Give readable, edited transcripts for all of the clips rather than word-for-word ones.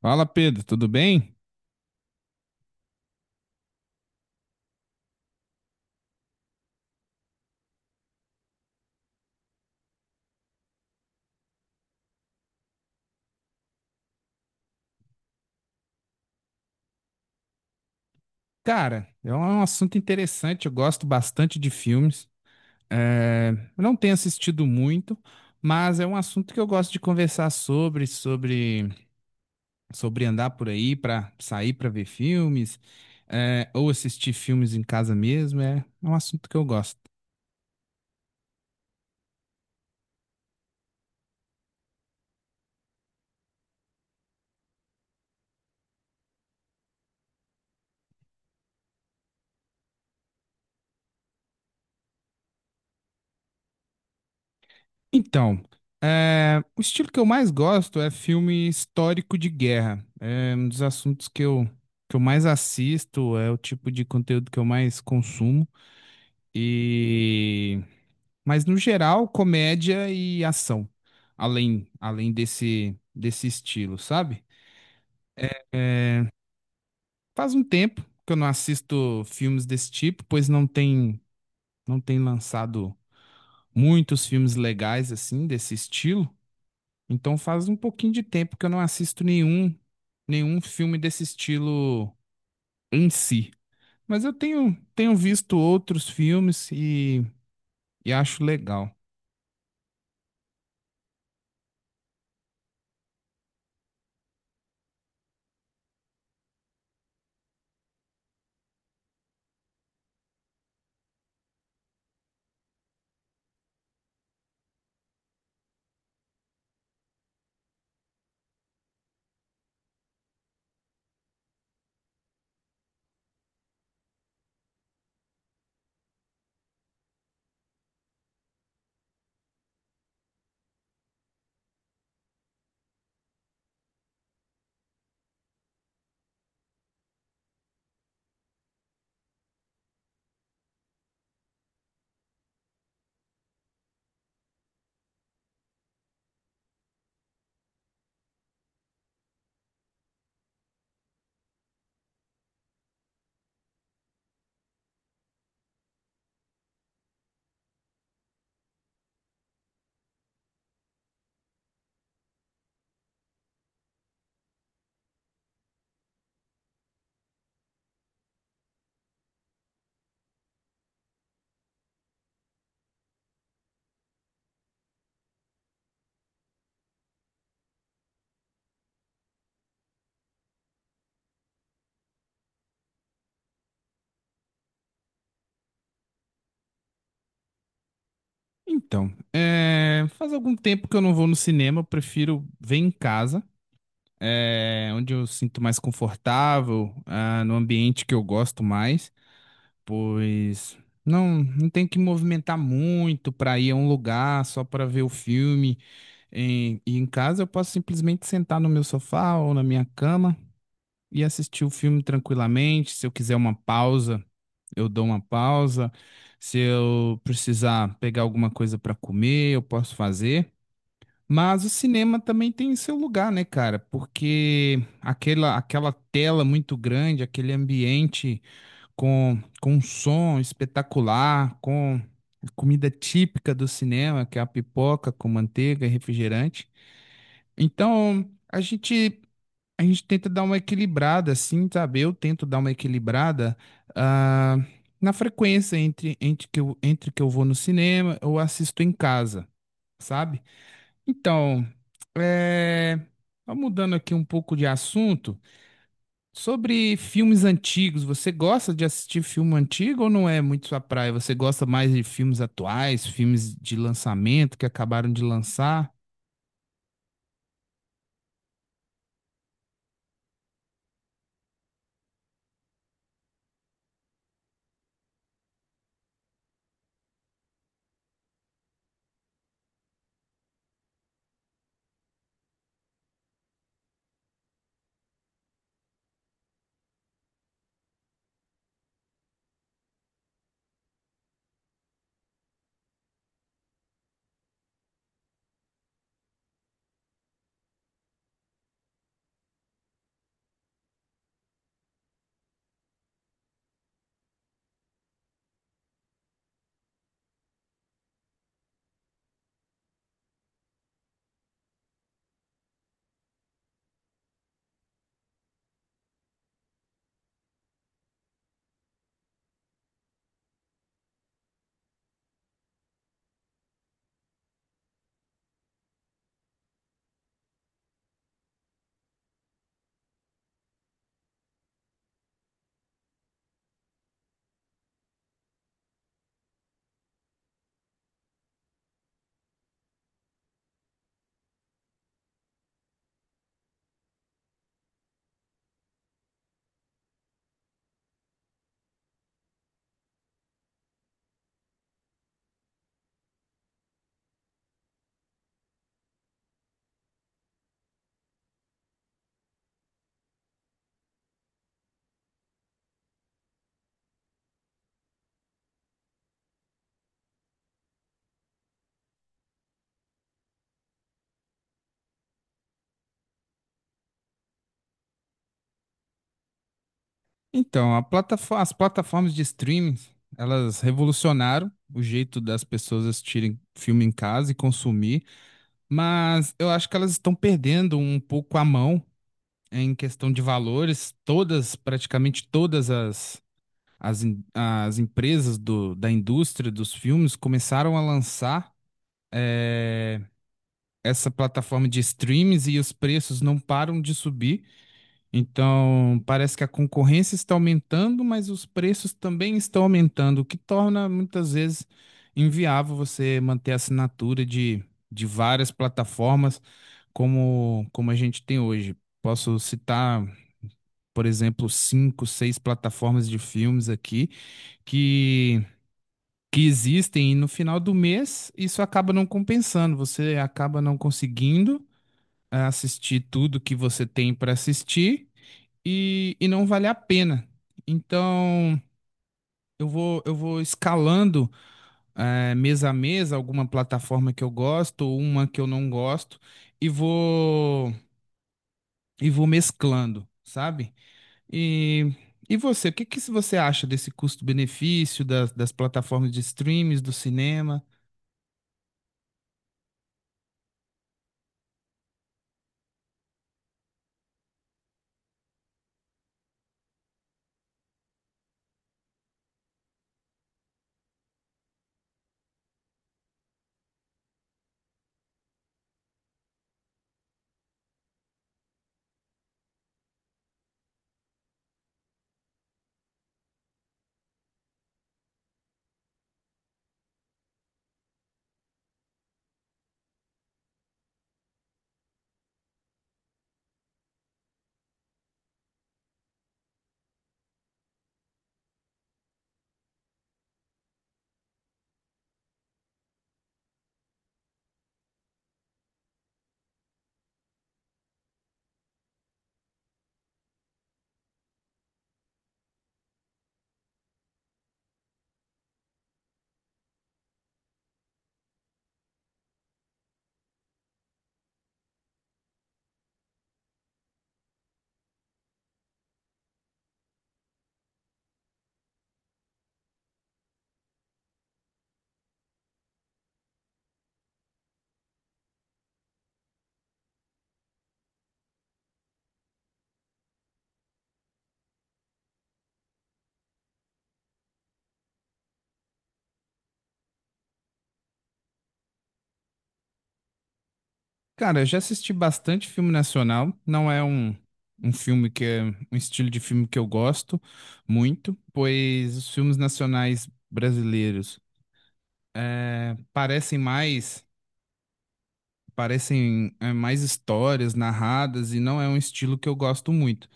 Fala, Pedro, tudo bem? Cara, é um assunto interessante, eu gosto bastante de filmes. É, eu não tenho assistido muito, mas é um assunto que eu gosto de conversar sobre andar por aí para sair para ver filmes, ou assistir filmes em casa mesmo, é um assunto que eu gosto. Então, é, o estilo que eu mais gosto é filme histórico de guerra. É um dos assuntos que eu mais assisto, é o tipo de conteúdo que eu mais consumo. E... Mas, no geral, comédia e ação, além desse estilo, sabe? Faz um tempo que eu não assisto filmes desse tipo, pois não tem lançado muitos filmes legais assim desse estilo. Então faz um pouquinho de tempo que eu não assisto nenhum filme desse estilo em si. Mas eu tenho visto outros filmes e acho legal. Então, é, faz algum tempo que eu não vou no cinema, eu prefiro ver em casa, é, onde eu sinto mais confortável, ah, no ambiente que eu gosto mais. Pois não tem que movimentar muito para ir a um lugar só para ver o filme. E em casa eu posso simplesmente sentar no meu sofá ou na minha cama e assistir o filme tranquilamente. Se eu quiser uma pausa, eu dou uma pausa. Se eu precisar pegar alguma coisa para comer, eu posso fazer. Mas o cinema também tem seu lugar, né, cara? Porque aquela tela muito grande, aquele ambiente com um som espetacular, com a comida típica do cinema, que é a pipoca com manteiga e refrigerante. Então, a gente tenta dar uma equilibrada, assim, sabe? Eu tento dar uma equilibrada ah, na frequência entre que eu vou no cinema ou assisto em casa, sabe? Então, é, só mudando aqui um pouco de assunto. Sobre filmes antigos, você gosta de assistir filme antigo ou não é muito sua praia? Você gosta mais de filmes atuais, filmes de lançamento que acabaram de lançar? Então, as plataformas de streaming, elas revolucionaram o jeito das pessoas assistirem filme em casa e consumir, mas eu acho que elas estão perdendo um pouco a mão em questão de valores. Todas, praticamente todas as, as, em- as empresas da indústria dos filmes começaram a lançar é, essa plataforma de streams e os preços não param de subir. Então, parece que a concorrência está aumentando, mas os preços também estão aumentando, o que torna muitas vezes inviável você manter a assinatura de várias plataformas como a gente tem hoje. Posso citar, por exemplo, cinco, seis plataformas de filmes aqui que que existem e no final do mês isso acaba não compensando, você acaba não conseguindo assistir tudo que você tem para assistir e não vale a pena. Então eu vou escalando mês a mês alguma plataforma que eu gosto, uma que eu não gosto e vou e vou mesclando, sabe? E E você, o que que você acha desse custo-benefício das, das plataformas de streams, do cinema? Cara, eu já assisti bastante filme nacional. Não é um filme que é um estilo de filme que eu gosto muito, pois os filmes nacionais brasileiros eh, parecem mais histórias narradas e não é um estilo que eu gosto muito.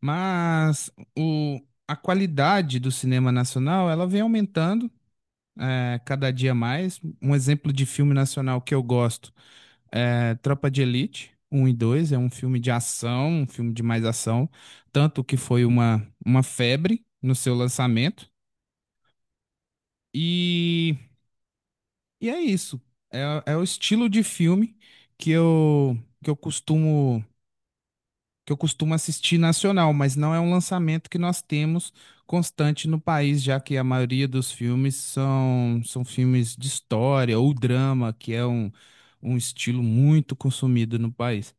Mas o, a qualidade do cinema nacional ela vem aumentando cada dia mais. Um exemplo de filme nacional que eu gosto. É, Tropa de Elite 1 e 2, é um filme de ação, um filme de mais ação, tanto que foi uma febre no seu lançamento. E, e é isso. É, é o estilo de filme que eu, que eu costumo que eu costumo assistir nacional, mas não é um lançamento que nós temos constante no país, já que a maioria dos filmes são, são filmes de história ou drama, que é um, um estilo muito consumido no país.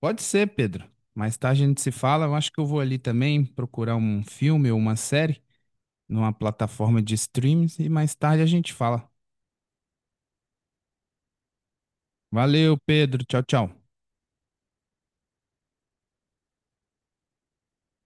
Pode ser, Pedro. Mais tarde a gente se fala. Eu acho que eu vou ali também procurar um filme ou uma série numa plataforma de streams e mais tarde a gente fala. Valeu, Pedro. Tchau, tchau.